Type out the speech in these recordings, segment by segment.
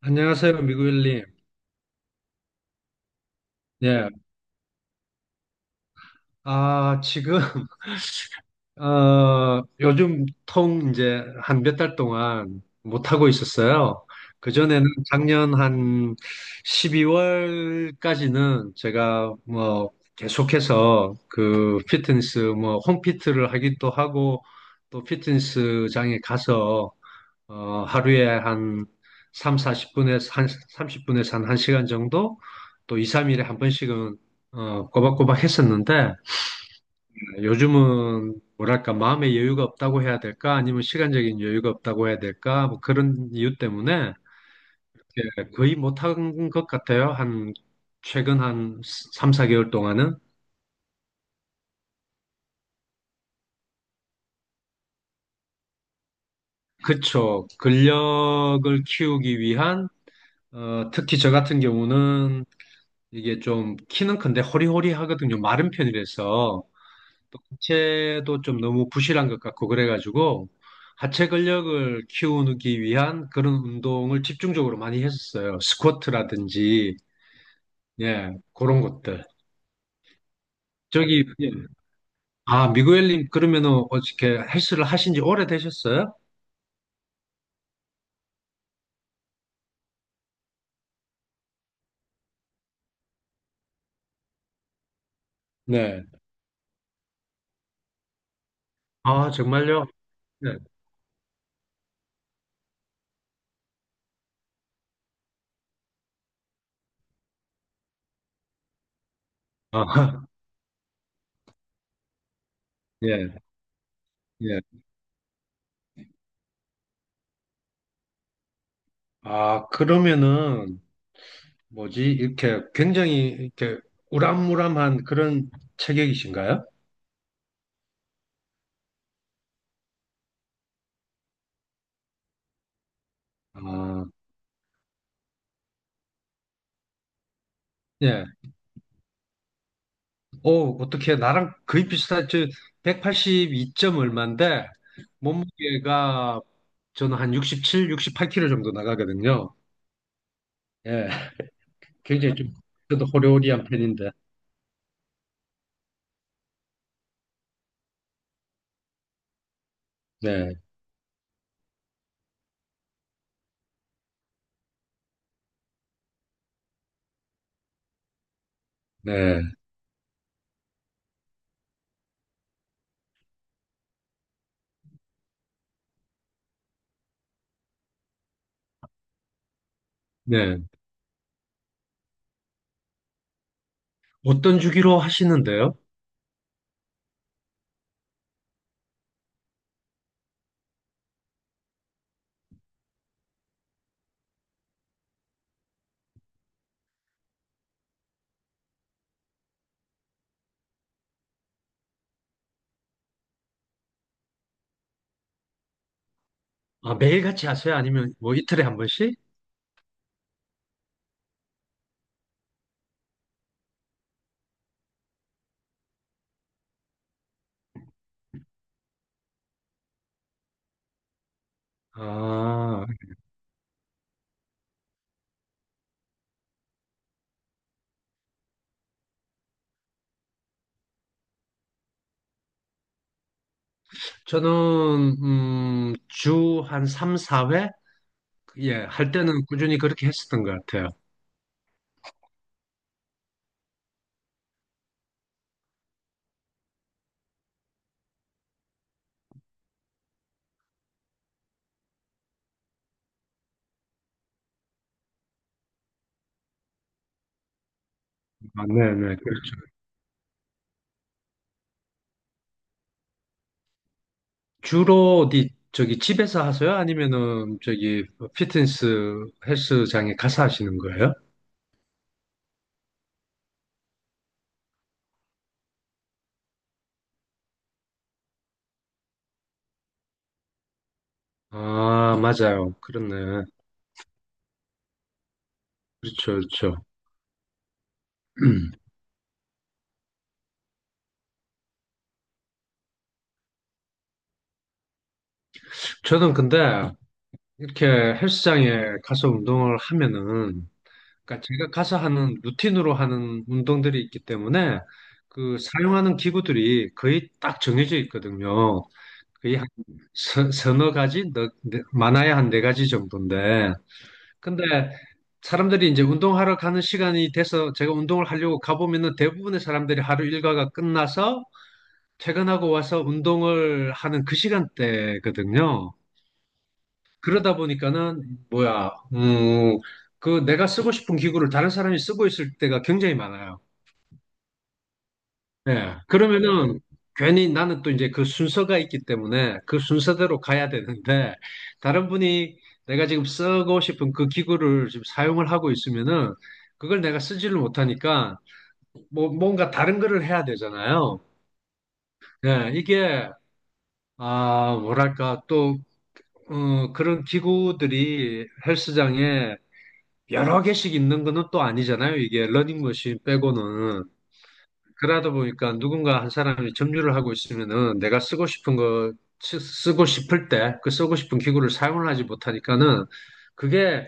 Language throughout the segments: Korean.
안녕하세요, 미구엘님. 예. 아, 지금, 요즘 통 이제 한 몇 달 동안 못하고 있었어요. 그전에는 작년 한 12월까지는 제가 뭐 계속해서 그 피트니스, 뭐 홈피트를 하기도 하고 또 피트니스장에 가서 하루에 한 3, 사0분에서 한 30분에서 한 1시간 정도, 또 2, 3일에 한 번씩은 꼬박꼬박 했었는데, 요즘은 뭐랄까 마음의 여유가 없다고 해야 될까, 아니면 시간적인 여유가 없다고 해야 될까, 뭐 그런 이유 때문에 예, 거의 못한 것 같아요. 한 최근 한 3, 4개월 동안은. 그쵸. 근력을 키우기 위한, 특히 저 같은 경우는 이게 좀 키는 큰데 허리허리하거든요. 마른 편이라서 또 하체도 좀 너무 부실한 것 같고, 그래가지고 하체 근력을 키우기 위한 그런 운동을 집중적으로 많이 했었어요. 스쿼트라든지, 예, 그런 것들. 저기 예. 아, 미구엘님, 그러면은 어떻게 헬스를 하신 지 오래되셨어요? 네. 아, 정말요? 네. 아, 예, 예. 아, 그러면은 뭐지? 이렇게 굉장히 이렇게 우람무람한 그런 체격이신가요? 아, 예. 오, 어떻게 나랑 거의 비슷한, 저 182점 얼마인데. 몸무게가 저는 한 67, 68kg 정도 나가거든요. 예. 굉장히 좀, 저도 호리호리한 편인데. 네. 네. 네. 어떤 주기로 하시는데요? 아, 매일같이 하세요? 아니면 뭐 이틀에 한 번씩? 아, 저는 주 한 3, 4회? 예, 할 때는 꾸준히 그렇게 했었던 것 같아요. 아, 네네. 그렇죠. 주로 어디, 저기 집에서 하세요? 아니면은 저기 피트니스 헬스장에 가서 하시는 거예요? 아, 맞아요. 그렇네. 그렇죠, 그렇죠. 저는 근데 이렇게 헬스장에 가서 운동을 하면은, 그러니까 제가 가서 하는 루틴으로 하는 운동들이 있기 때문에 그 사용하는 기구들이 거의 딱 정해져 있거든요. 거의 한 서너 가지, 많아야 한 네 가지 정도인데, 근데 사람들이 이제 운동하러 가는 시간이 돼서 제가 운동을 하려고 가보면은 대부분의 사람들이 하루 일과가 끝나서 퇴근하고 와서 운동을 하는 그 시간대거든요. 그러다 보니까는 뭐야, 그 내가 쓰고 싶은 기구를 다른 사람이 쓰고 있을 때가 굉장히 많아요. 예. 그러면은 괜히 나는 또 이제 그 순서가 있기 때문에 그 순서대로 가야 되는데, 다른 분이 내가 지금 쓰고 싶은 그 기구를 지금 사용을 하고 있으면은 그걸 내가 쓰지를 못하니까 뭐 뭔가 다른 거를 해야 되잖아요. 예, 이게, 아, 뭐랄까, 또, 그런 기구들이 헬스장에 여러 개씩 있는 거는 또 아니잖아요, 이게 러닝머신 빼고는. 그러다 보니까 누군가 한 사람이 점유를 하고 있으면은 내가 쓰고 싶은 거 쓰고 싶을 때 그 쓰고 싶은 기구를 사용을 하지 못하니까는, 그게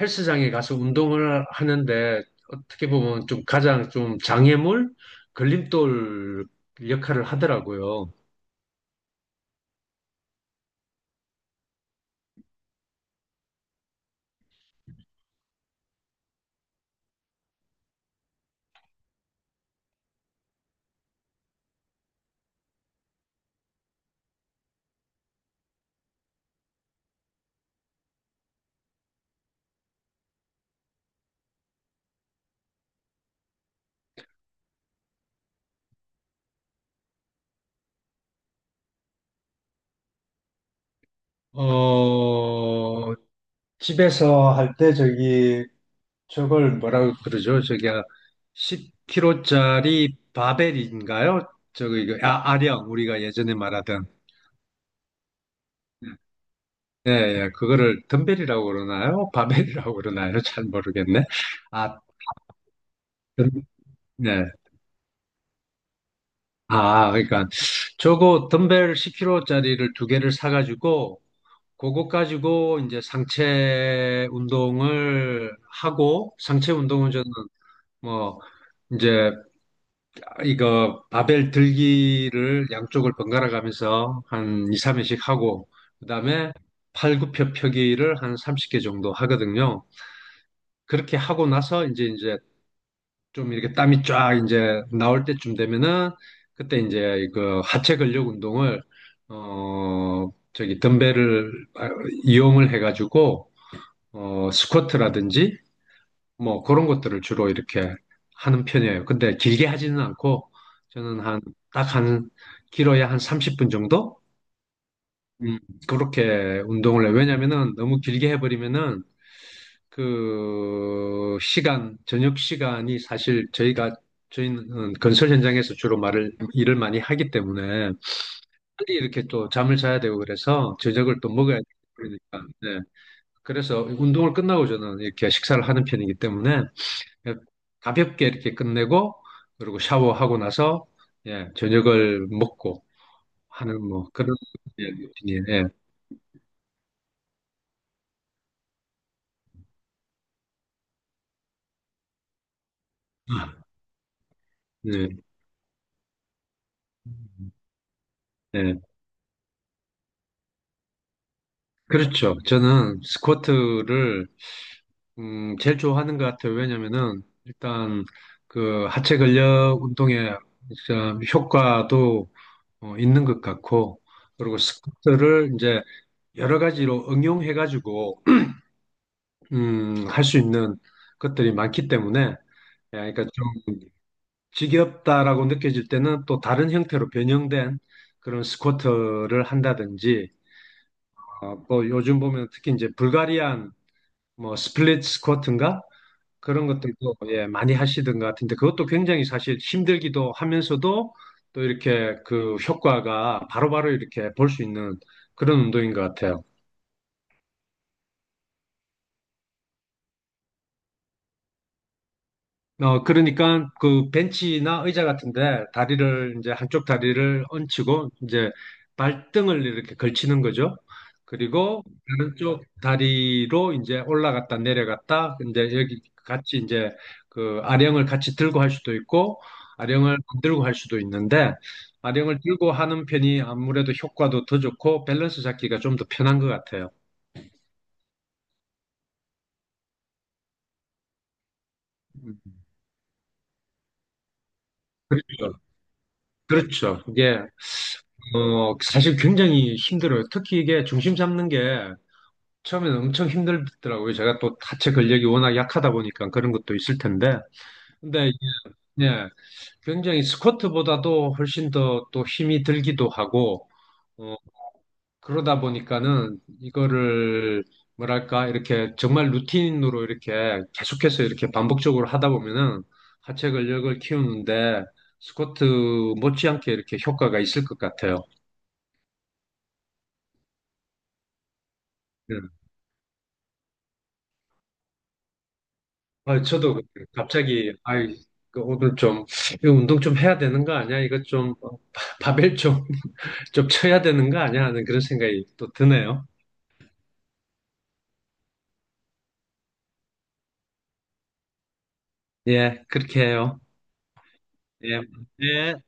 헬스장에 가서 운동을 하는데 어떻게 보면 좀 가장 좀 장애물, 걸림돌 역할을 하더라고요. 어, 집에서 할 때 저기 저걸 뭐라고 그러죠? 저기 10kg짜리 바벨인가요? 저기 이거, 아, 아령, 우리가 예전에 말하던, 예, 예, 그거를 덤벨이라고 그러나요? 바벨이라고 그러나요? 잘 모르겠네. 아, 덤, 네. 아, 그러니까 저거 덤벨 10kg짜리를 2개를 사가지고, 그거 가지고 이제 상체 운동을 하고. 상체 운동은 저는 뭐 이제 이거 바벨 들기를 양쪽을 번갈아 가면서 한 2, 3회씩 하고, 그다음에 팔굽혀 펴기를 한 30개 정도 하거든요. 그렇게 하고 나서 이제 좀 이렇게 땀이 쫙 이제 나올 때쯤 되면은 그때 이제 그 하체 근력 운동을, 저기 덤벨을, 아, 이용을 해가지고 스쿼트라든지 뭐 그런 것들을 주로 이렇게 하는 편이에요. 근데 길게 하지는 않고 저는 한 딱 한 길어야 한 30분 정도, 음, 그렇게 운동을 해요. 왜냐면은 너무 길게 해버리면은 그 시간, 저녁 시간이, 사실 저희가 저희는 건설 현장에서 주로 말을 일을 많이 하기 때문에 빨리 이렇게 또 잠을 자야 되고, 그래서 저녁을 또 먹어야 되고, 그러니까 네. 그래서 운동을 끝나고 저는 이렇게 식사를 하는 편이기 때문에 가볍게 이렇게 끝내고, 그리고 샤워하고 나서 예, 저녁을 먹고 하는 뭐 그런, 예, 루틴이에요. 예. 아, 네. 네. 그렇죠. 저는 스쿼트를 제일 좋아하는 것 같아요. 왜냐면은, 일단, 그, 하체 근력 운동의 진짜 효과도 있는 것 같고, 그리고 스쿼트를 이제 여러 가지로 응용해가지고, 할 수 있는 것들이 많기 때문에, 예, 그러니까 좀 지겹다라고 느껴질 때는 또 다른 형태로 변형된 그런 스쿼트를 한다든지, 또 요즘 보면 특히 이제 불가리안 뭐 스플릿 스쿼트인가? 그런 것들도 예, 많이 하시던 것 같은데, 그것도 굉장히 사실 힘들기도 하면서도 또 이렇게 그 효과가 바로바로 이렇게 볼 수 있는 그런 운동인 것 같아요. 그러니까 그 벤치나 의자 같은데 다리를, 이제 한쪽 다리를 얹히고 이제 발등을 이렇게 걸치는 거죠. 그리고 다른 쪽 다리로 이제 올라갔다 내려갔다, 이제 여기 같이 이제 그 아령을 같이 들고 할 수도 있고, 아령을 안 들고 할 수도 있는데, 아령을 들고 하는 편이 아무래도 효과도 더 좋고 밸런스 잡기가 좀 더 편한 것 같아요. 음. 그렇죠. 이게, 사실 굉장히 힘들어요. 특히 이게 중심 잡는 게 처음에는 엄청 힘들더라고요. 제가 또 하체 근력이 워낙 약하다 보니까 그런 것도 있을 텐데. 근데 이게 굉장히 스쿼트보다도 훨씬 더 또 힘이 들기도 하고, 어, 그러다 보니까는 이거를 뭐랄까 이렇게 정말 루틴으로 이렇게 계속해서 이렇게 반복적으로 하다 보면은 하체 근력을 키우는데 스쿼트 못지않게 이렇게 효과가 있을 것 같아요. 예. 아, 저도 그 갑자기 아이, 그 오늘 좀 이거 운동 좀 해야 되는 거 아니야? 이거 좀 바벨 좀 좀 쳐야 되는 거 아니야? 하는 그런 생각이 또 드네요. 예, 그렇게 해요. 예, 예.